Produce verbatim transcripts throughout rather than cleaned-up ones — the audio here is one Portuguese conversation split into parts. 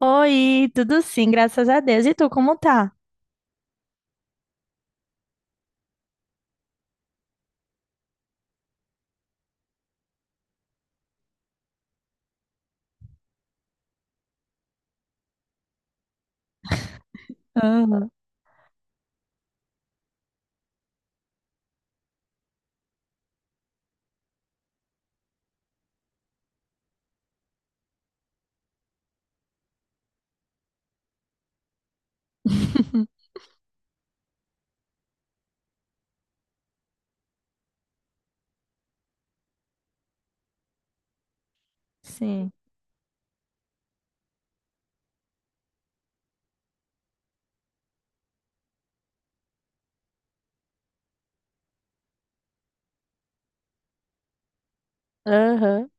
Oi, tudo sim, graças a Deus. E tu, como tá? Aham. Sim. Aham.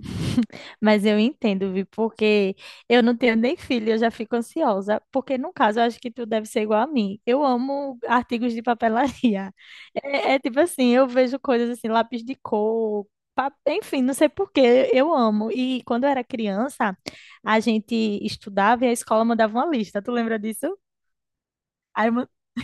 Mas eu entendo, Vi, porque eu não tenho nem filho, eu já fico ansiosa. Porque, no caso, eu acho que tu deve ser igual a mim. Eu amo artigos de papelaria. É, é tipo assim, eu vejo coisas assim, lápis de cor, pa- enfim, não sei por quê, eu amo. E quando eu era criança, a gente estudava e a escola mandava uma lista. Tu lembra disso?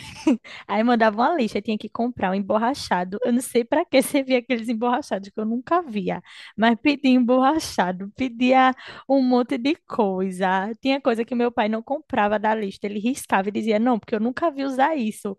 Aí mandava uma lista, tinha que comprar um emborrachado. Eu não sei para que servia aqueles emborrachados que eu nunca via, mas pedia emborrachado, pedia um monte de coisa. Tinha coisa que meu pai não comprava da lista, ele riscava e dizia: Não, porque eu nunca vi usar isso.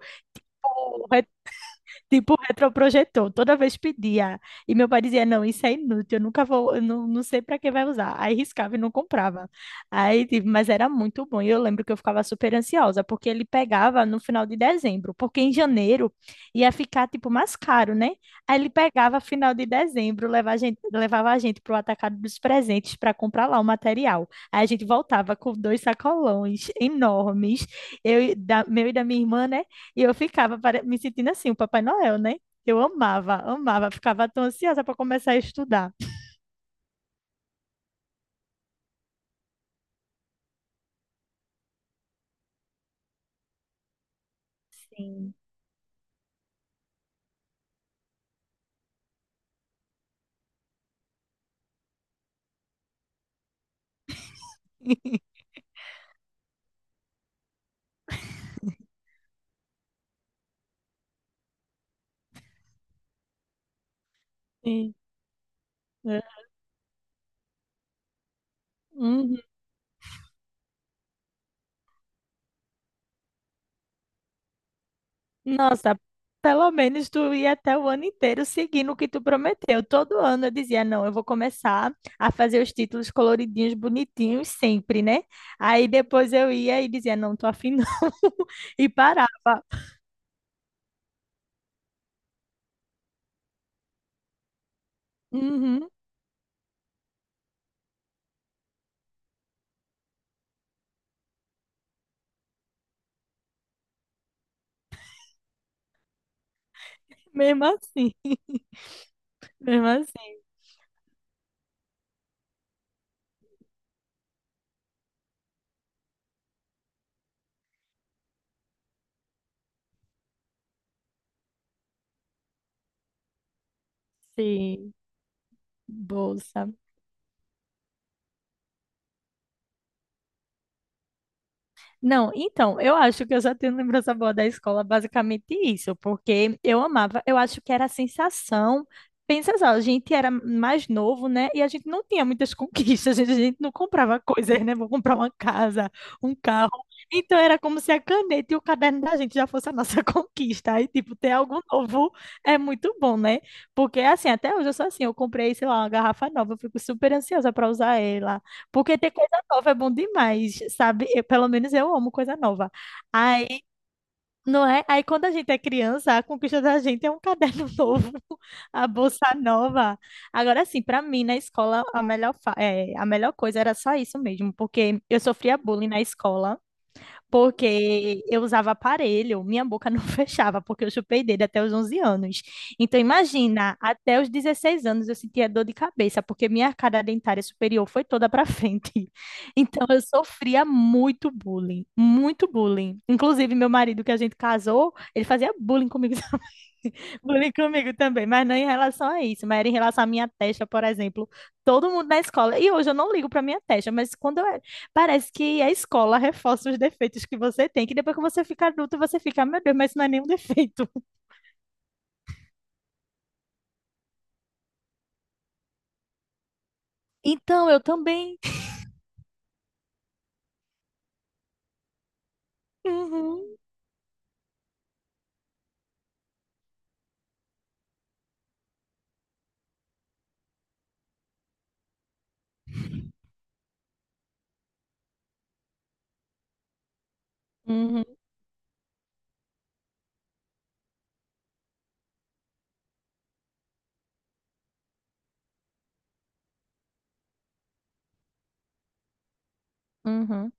Tipo retroprojetor. Toda vez pedia. E meu pai dizia, não, isso é inútil, eu nunca vou, eu não, não sei para que vai usar. Aí riscava e não comprava. Aí, tipo, mas era muito bom. E eu lembro que eu ficava super ansiosa, porque ele pegava no final de dezembro, porque em janeiro ia ficar, tipo, mais caro, né? Aí ele pegava final de dezembro, levava a gente, levava a gente pro atacado dos presentes para comprar lá o material. Aí a gente voltava com dois sacolões enormes, eu, e da, meu e da minha irmã, né? E eu ficava pare- me sentindo assim, o Papai Noel, né? Eu amava, amava, ficava tão ansiosa para começar a estudar. Sim. Sim, é. Uhum. Nossa, pelo menos tu ia até o ano inteiro seguindo o que tu prometeu. Todo ano eu dizia, não, eu vou começar a fazer os títulos coloridinhos, bonitinhos, sempre, né? Aí depois eu ia e dizia, não, tô afim não, e parava. Uhum. Mesmo assim, mesmo assim. Sim, bolsa. Não, então, eu acho que eu já tenho lembrança boa da escola, basicamente isso, porque eu amava, eu acho que era a sensação. Pensa só, a gente era mais novo, né? E a gente não tinha muitas conquistas, a gente não comprava coisas, né? Vou comprar uma casa, um carro. Então era como se a caneta e o caderno da gente já fosse a nossa conquista. Aí, tipo, ter algo novo é muito bom, né? Porque, assim, até hoje eu sou assim, eu comprei, sei lá, uma garrafa nova, eu fico super ansiosa para usar ela. Porque ter coisa nova é bom demais, sabe? Eu- pelo menos eu amo coisa nova. Aí, não é? Aí quando a gente é criança, a conquista da gente é um caderno novo, a bolsa nova. Agora sim, para mim na escola a melhor fa- é, a melhor coisa era só isso mesmo, porque eu sofria bullying na escola porque eu usava aparelho, minha boca não fechava, porque eu chupei dele até os onze anos. Então, imagina, até os dezesseis anos eu sentia dor de cabeça, porque minha arcada dentária superior foi toda para frente. Então, eu sofria muito bullying, muito bullying. Inclusive, meu marido, que a gente casou, ele fazia bullying comigo também. Bullying comigo também, mas não em relação a isso, mas era em relação à minha testa, por exemplo. Todo mundo na escola. E hoje eu não ligo para minha testa, mas quando eu... Parece que a escola reforça os defeitos que você tem, que depois que você fica adulto, você fica, "Ah, meu Deus, mas isso não é nenhum defeito." Então, eu também. Uhum, uhum, uhum,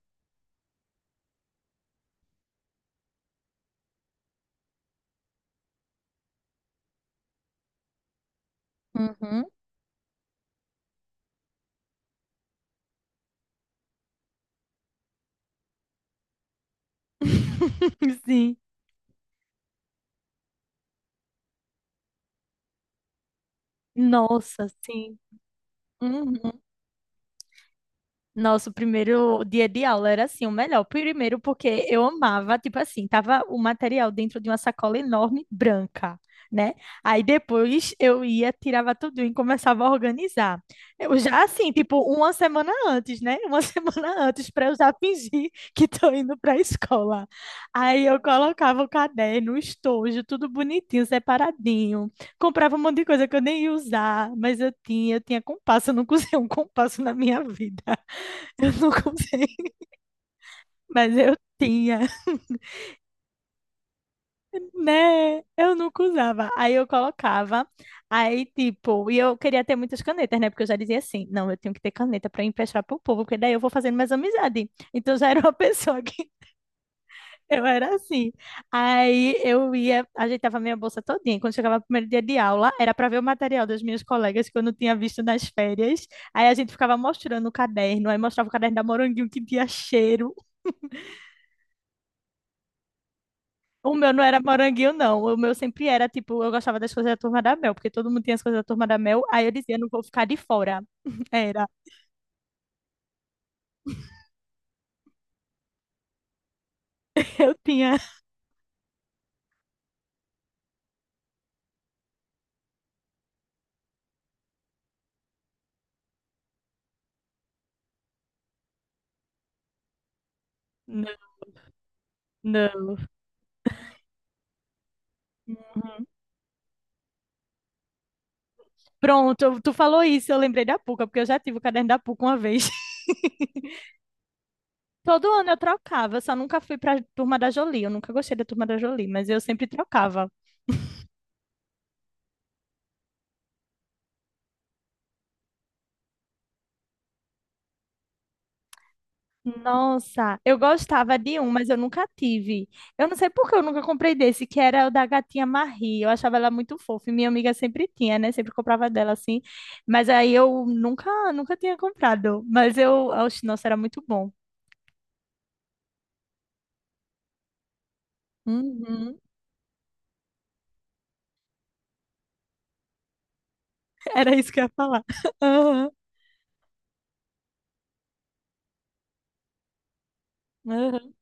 uhum. Sim. Nossa, sim. Uhum. Nosso primeiro dia de aula era assim, o melhor. Primeiro porque eu amava, tipo assim, tava o material dentro de uma sacola enorme branca, né? Aí depois eu ia, tirava tudo e começava a organizar. Eu já assim, tipo, uma semana antes, né? Uma semana antes para eu já fingir que tô indo para a escola. Aí eu colocava o caderno, o estojo, tudo bonitinho, separadinho. Comprava um monte de coisa que eu nem ia usar, mas eu tinha, eu tinha compasso, eu nunca usei um compasso na minha vida. Eu nunca usei, mas eu tinha, né? Eu nunca usava. Aí eu colocava, aí tipo, e eu queria ter muitas canetas, né? Porque eu já dizia assim: não, eu tenho que ter caneta para emprestar pro povo, porque daí eu vou fazendo mais amizade. Então já era uma pessoa que eu era assim. Aí eu ia, ajeitava minha bolsa todinha. Quando chegava o primeiro dia de aula, era para ver o material das minhas colegas que eu não tinha visto nas férias. Aí a gente ficava mostrando o caderno, aí mostrava o caderno da Moranguinho que tinha cheiro. O meu não era moranguinho, não. O meu sempre era, tipo, eu gostava das coisas da Turma da Mel, porque todo mundo tinha as coisas da Turma da Mel. Aí eu dizia, não vou ficar de fora. Era. Eu tinha. Não, não. Uhum. Pronto, tu falou isso, eu lembrei da Puca, porque eu já tive o caderno da Puca uma vez. Todo ano eu trocava, eu só nunca fui pra Turma da Jolie. Eu nunca gostei da Turma da Jolie, mas eu sempre trocava. Nossa, eu gostava de um, mas eu nunca tive. Eu não sei por que eu nunca comprei desse, que era o da gatinha Marie. Eu achava ela muito fofa, e minha amiga sempre tinha, né? Sempre comprava dela assim. Mas aí eu nunca, nunca tinha comprado. Mas eu, oxe, nossa, era muito bom. Uhum. Era isso que eu ia falar. Aham, aham,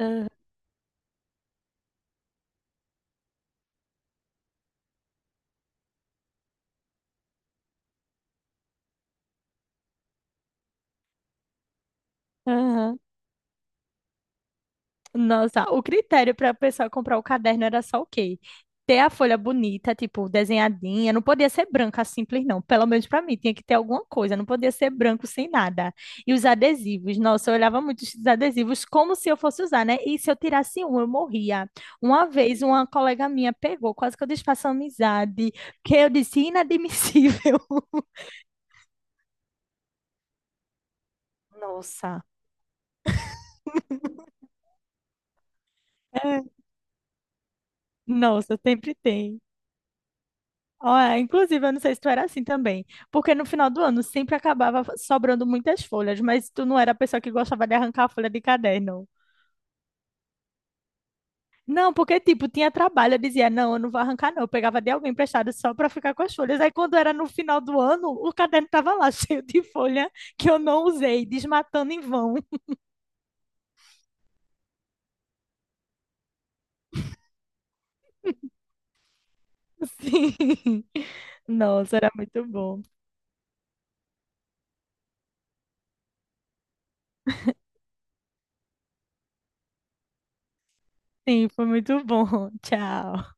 aham, aham. Nossa, o critério para a pessoa comprar o caderno era só o quê? Ter a folha bonita, tipo, desenhadinha, não podia ser branca simples, não. Pelo menos para mim, tinha que ter alguma coisa, não podia ser branco sem nada. E os adesivos, nossa, eu olhava muito os adesivos como se eu fosse usar, né? E se eu tirasse um, eu morria. Uma vez, uma colega minha pegou, quase que eu desfaço a amizade, porque eu disse: inadmissível. Nossa, é, nossa, sempre tem. Ó, é, inclusive, eu não sei se tu era assim também, porque no final do ano sempre acabava sobrando muitas folhas, mas tu não era a pessoa que gostava de arrancar a folha de caderno. Não, porque, tipo, tinha trabalho, eu dizia, não, eu não vou arrancar, não. Eu pegava de alguém emprestado só para ficar com as folhas. Aí, quando era no final do ano, o caderno tava lá cheio de folha que eu não usei, desmatando em vão. Sim. Nossa, era muito bom. Sim, foi muito bom. Tchau.